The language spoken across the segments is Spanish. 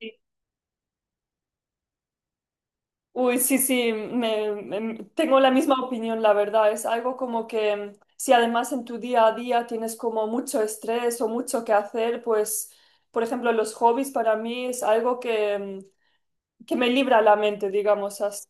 Sí. Uy, sí, sí, tengo la misma opinión, la verdad. Es algo como que si además en tu día a día tienes como mucho estrés o mucho que hacer, pues, por ejemplo, los hobbies para mí es algo que me libra la mente, digamos así.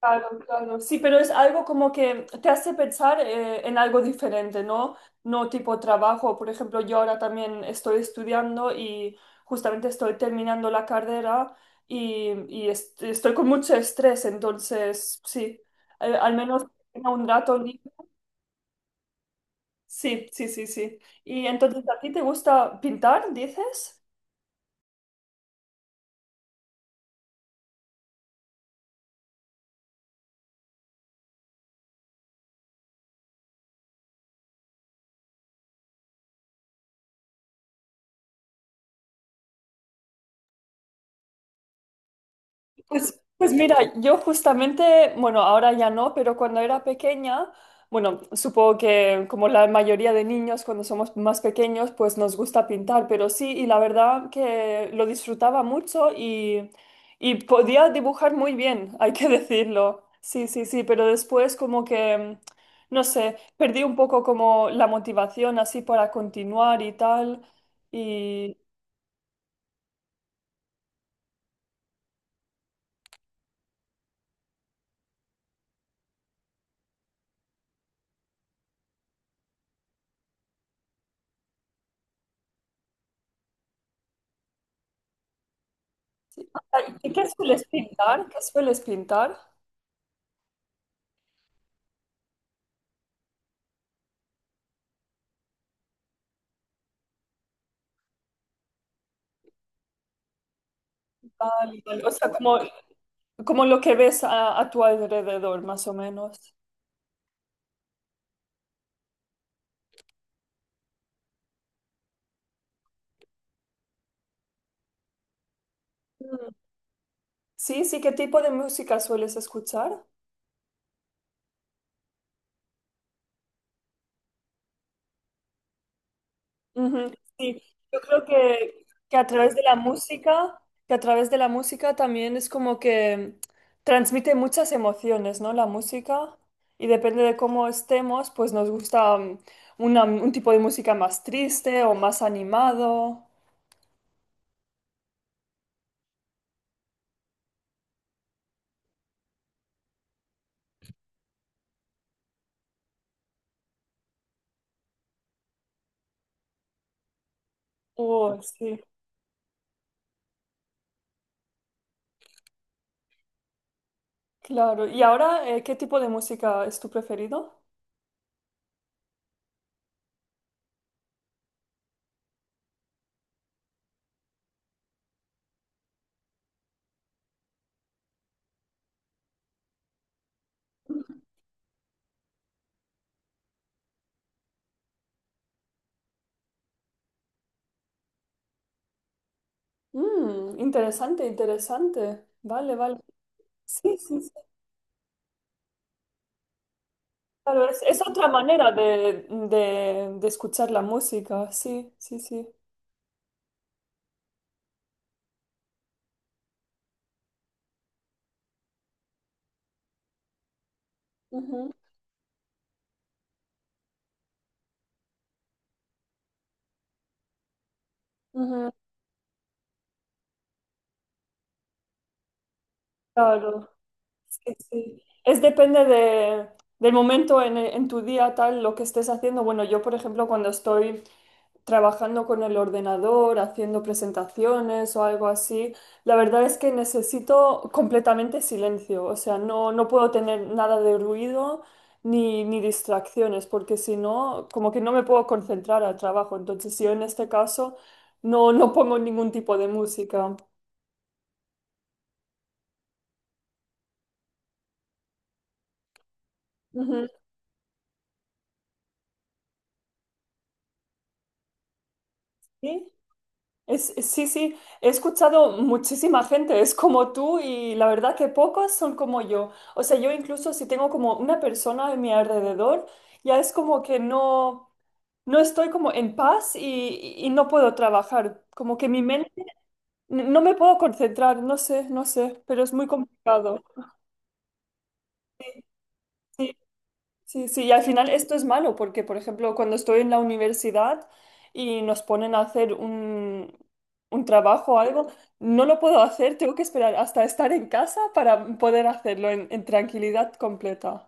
Claro, claro. Sí, pero es algo como que te hace pensar en algo diferente, ¿no? No tipo trabajo. Por ejemplo, yo ahora también estoy estudiando y justamente estoy terminando la carrera y estoy con mucho estrés, entonces sí, al menos tenga un rato libre. Sí, sí, sí, sí. Y entonces, ¿a ti te gusta pintar, dices? Pues, pues mira, yo justamente, bueno, ahora ya no, pero cuando era pequeña, bueno, supongo que como la mayoría de niños cuando somos más pequeños, pues nos gusta pintar, pero sí, y la verdad que lo disfrutaba mucho y podía dibujar muy bien, hay que decirlo. Sí, sí, sí, pero después como que, no sé, perdí un poco como la motivación así para continuar y tal. Y, ¿qué sueles pintar? ¿Qué sueles pintar? Tal y tal. O sea, como lo que ves a tu alrededor, más o menos. Mm. Sí, sí, ¿qué tipo de música sueles escuchar? Ujú. Sí, yo creo que a través de la música también es como que transmite muchas emociones, ¿no? La música. Y depende de cómo estemos, pues nos gusta un tipo de música más triste o más animado. Oh, sí, claro. ¿Y ahora, qué tipo de música es tu preferido? Mm, interesante, interesante. Vale, vale. Sí, sí, sí, claro. Es otra manera de escuchar la música. Sí, sí, sí. Ujú, ujú. Claro. Sí, sí. Es depende del momento en tu día, tal, lo que estés haciendo. Bueno, yo, por ejemplo, cuando estoy trabajando con el ordenador, haciendo presentaciones o algo así, la verdad es que necesito completamente silencio. O sea, no, no puedo tener nada de ruido ni distracciones, porque si no, como que no me puedo concentrar al trabajo. Entonces, yo en este caso no, no pongo ningún tipo de música. Ujú. ¿Sí? Sí, sí, he escuchado muchísima gente, es como tú y la verdad que pocas son como yo. O sea, yo incluso si tengo como una persona en mi alrededor, ya es como que no, no estoy como en paz y no puedo trabajar, como que mi mente no me puedo concentrar, no sé, no sé, pero es muy complicado. Sí. Sí, sí, y al final esto es malo porque, por ejemplo, cuando estoy en la universidad y nos ponen a hacer un trabajo o algo, no lo puedo hacer, tengo que esperar hasta estar en casa para poder hacerlo en tranquilidad completa.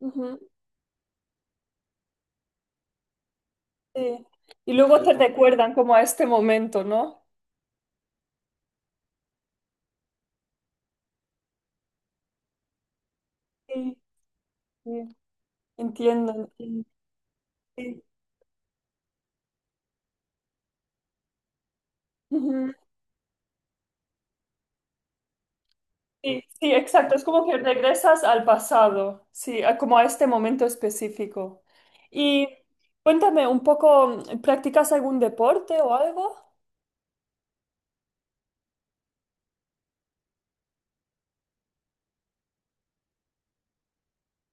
Ujú. Sí. Y luego te recuerdan como a este momento, ¿no? Sí, sí. Entiendo, entiendo. Sí. Ujú. Sí, sí, exacto. Es como que regresas al pasado, sí, como a este momento específico. Y cuéntame un poco, ¿practicas algún deporte o algo?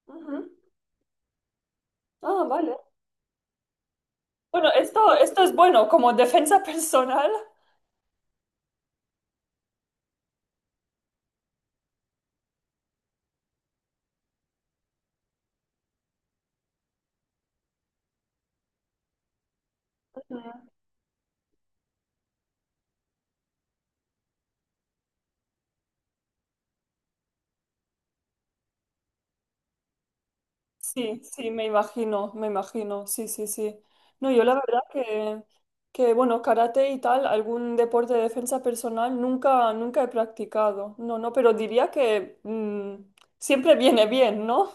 Ujú. Ah, vale. Bueno, esto es bueno, como defensa personal. Ujú. Sí, sí, me imagino, sí, sí, sí. No, yo la verdad que bueno, karate y tal, algún deporte de defensa personal nunca, nunca he practicado. No, no, pero diría que siempre viene bien, ¿no?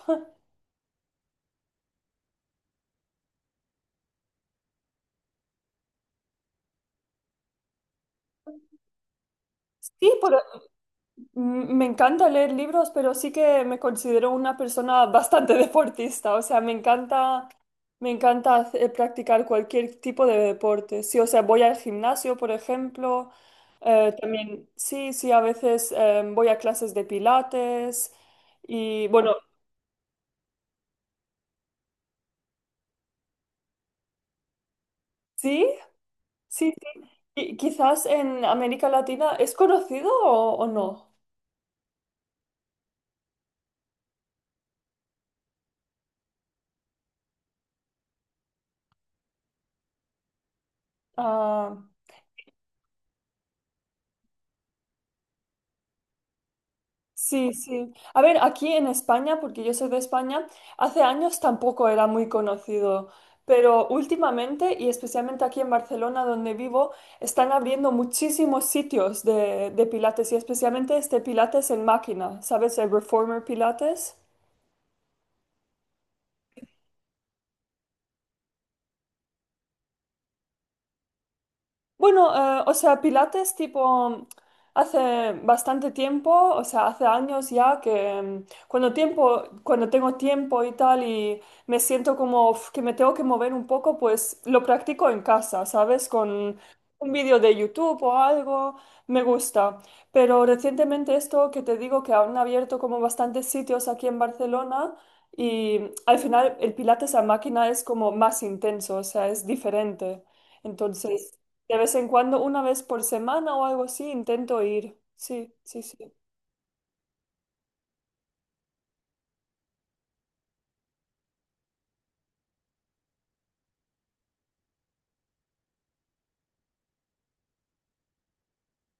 Sí, por- me encanta leer libros, pero sí que me considero una persona bastante deportista. O sea, me encanta, practicar cualquier tipo de deporte. Sí, o sea, voy al gimnasio, por ejemplo. También, sí, sí, a veces voy a clases de pilates. Y bueno, sí, sí, sí. Y quizás en América Latina, ¿es conocido o no? Ah, sí, sí. A ver, aquí en España, porque yo soy de España, hace años tampoco era muy conocido, pero últimamente, y especialmente aquí en Barcelona, donde vivo, están abriendo muchísimos sitios de Pilates y especialmente este Pilates en máquina, ¿sabes? El Reformer Pilates. Bueno, o sea, Pilates tipo hace bastante tiempo, o sea, hace años ya que cuando tengo tiempo y tal y me siento como uf, que me tengo que mover un poco, pues lo practico en casa, ¿sabes? Con un vídeo de YouTube o algo, me gusta. Pero recientemente esto que te digo que han abierto como bastantes sitios aquí en Barcelona y al final el Pilates a máquina es como más intenso, o sea, es diferente. Entonces, de vez en cuando, 1 vez por semana o algo así, intento ir. Sí, sí, sí.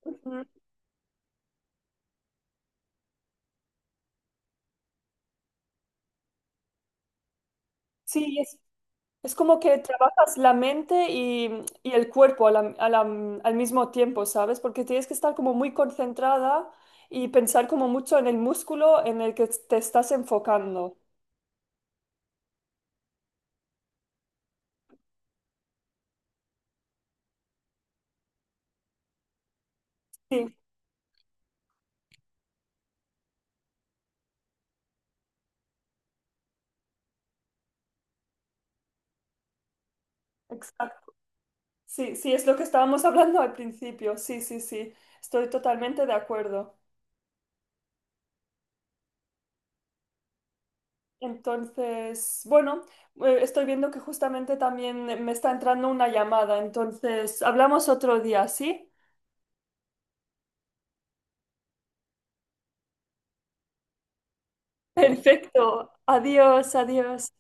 Ujú. Sí, es como que trabajas la mente y el cuerpo al mismo tiempo, ¿sabes? Porque tienes que estar como muy concentrada y pensar como mucho en el músculo en el que te estás enfocando. Sí, exacto. Sí, sí, es lo que estábamos hablando al principio. Sí, sí, sí. Estoy totalmente de acuerdo. Entonces, bueno, estoy viendo que justamente también me está entrando una llamada, entonces hablamos otro día, ¿sí? Perfecto, adiós, adiós.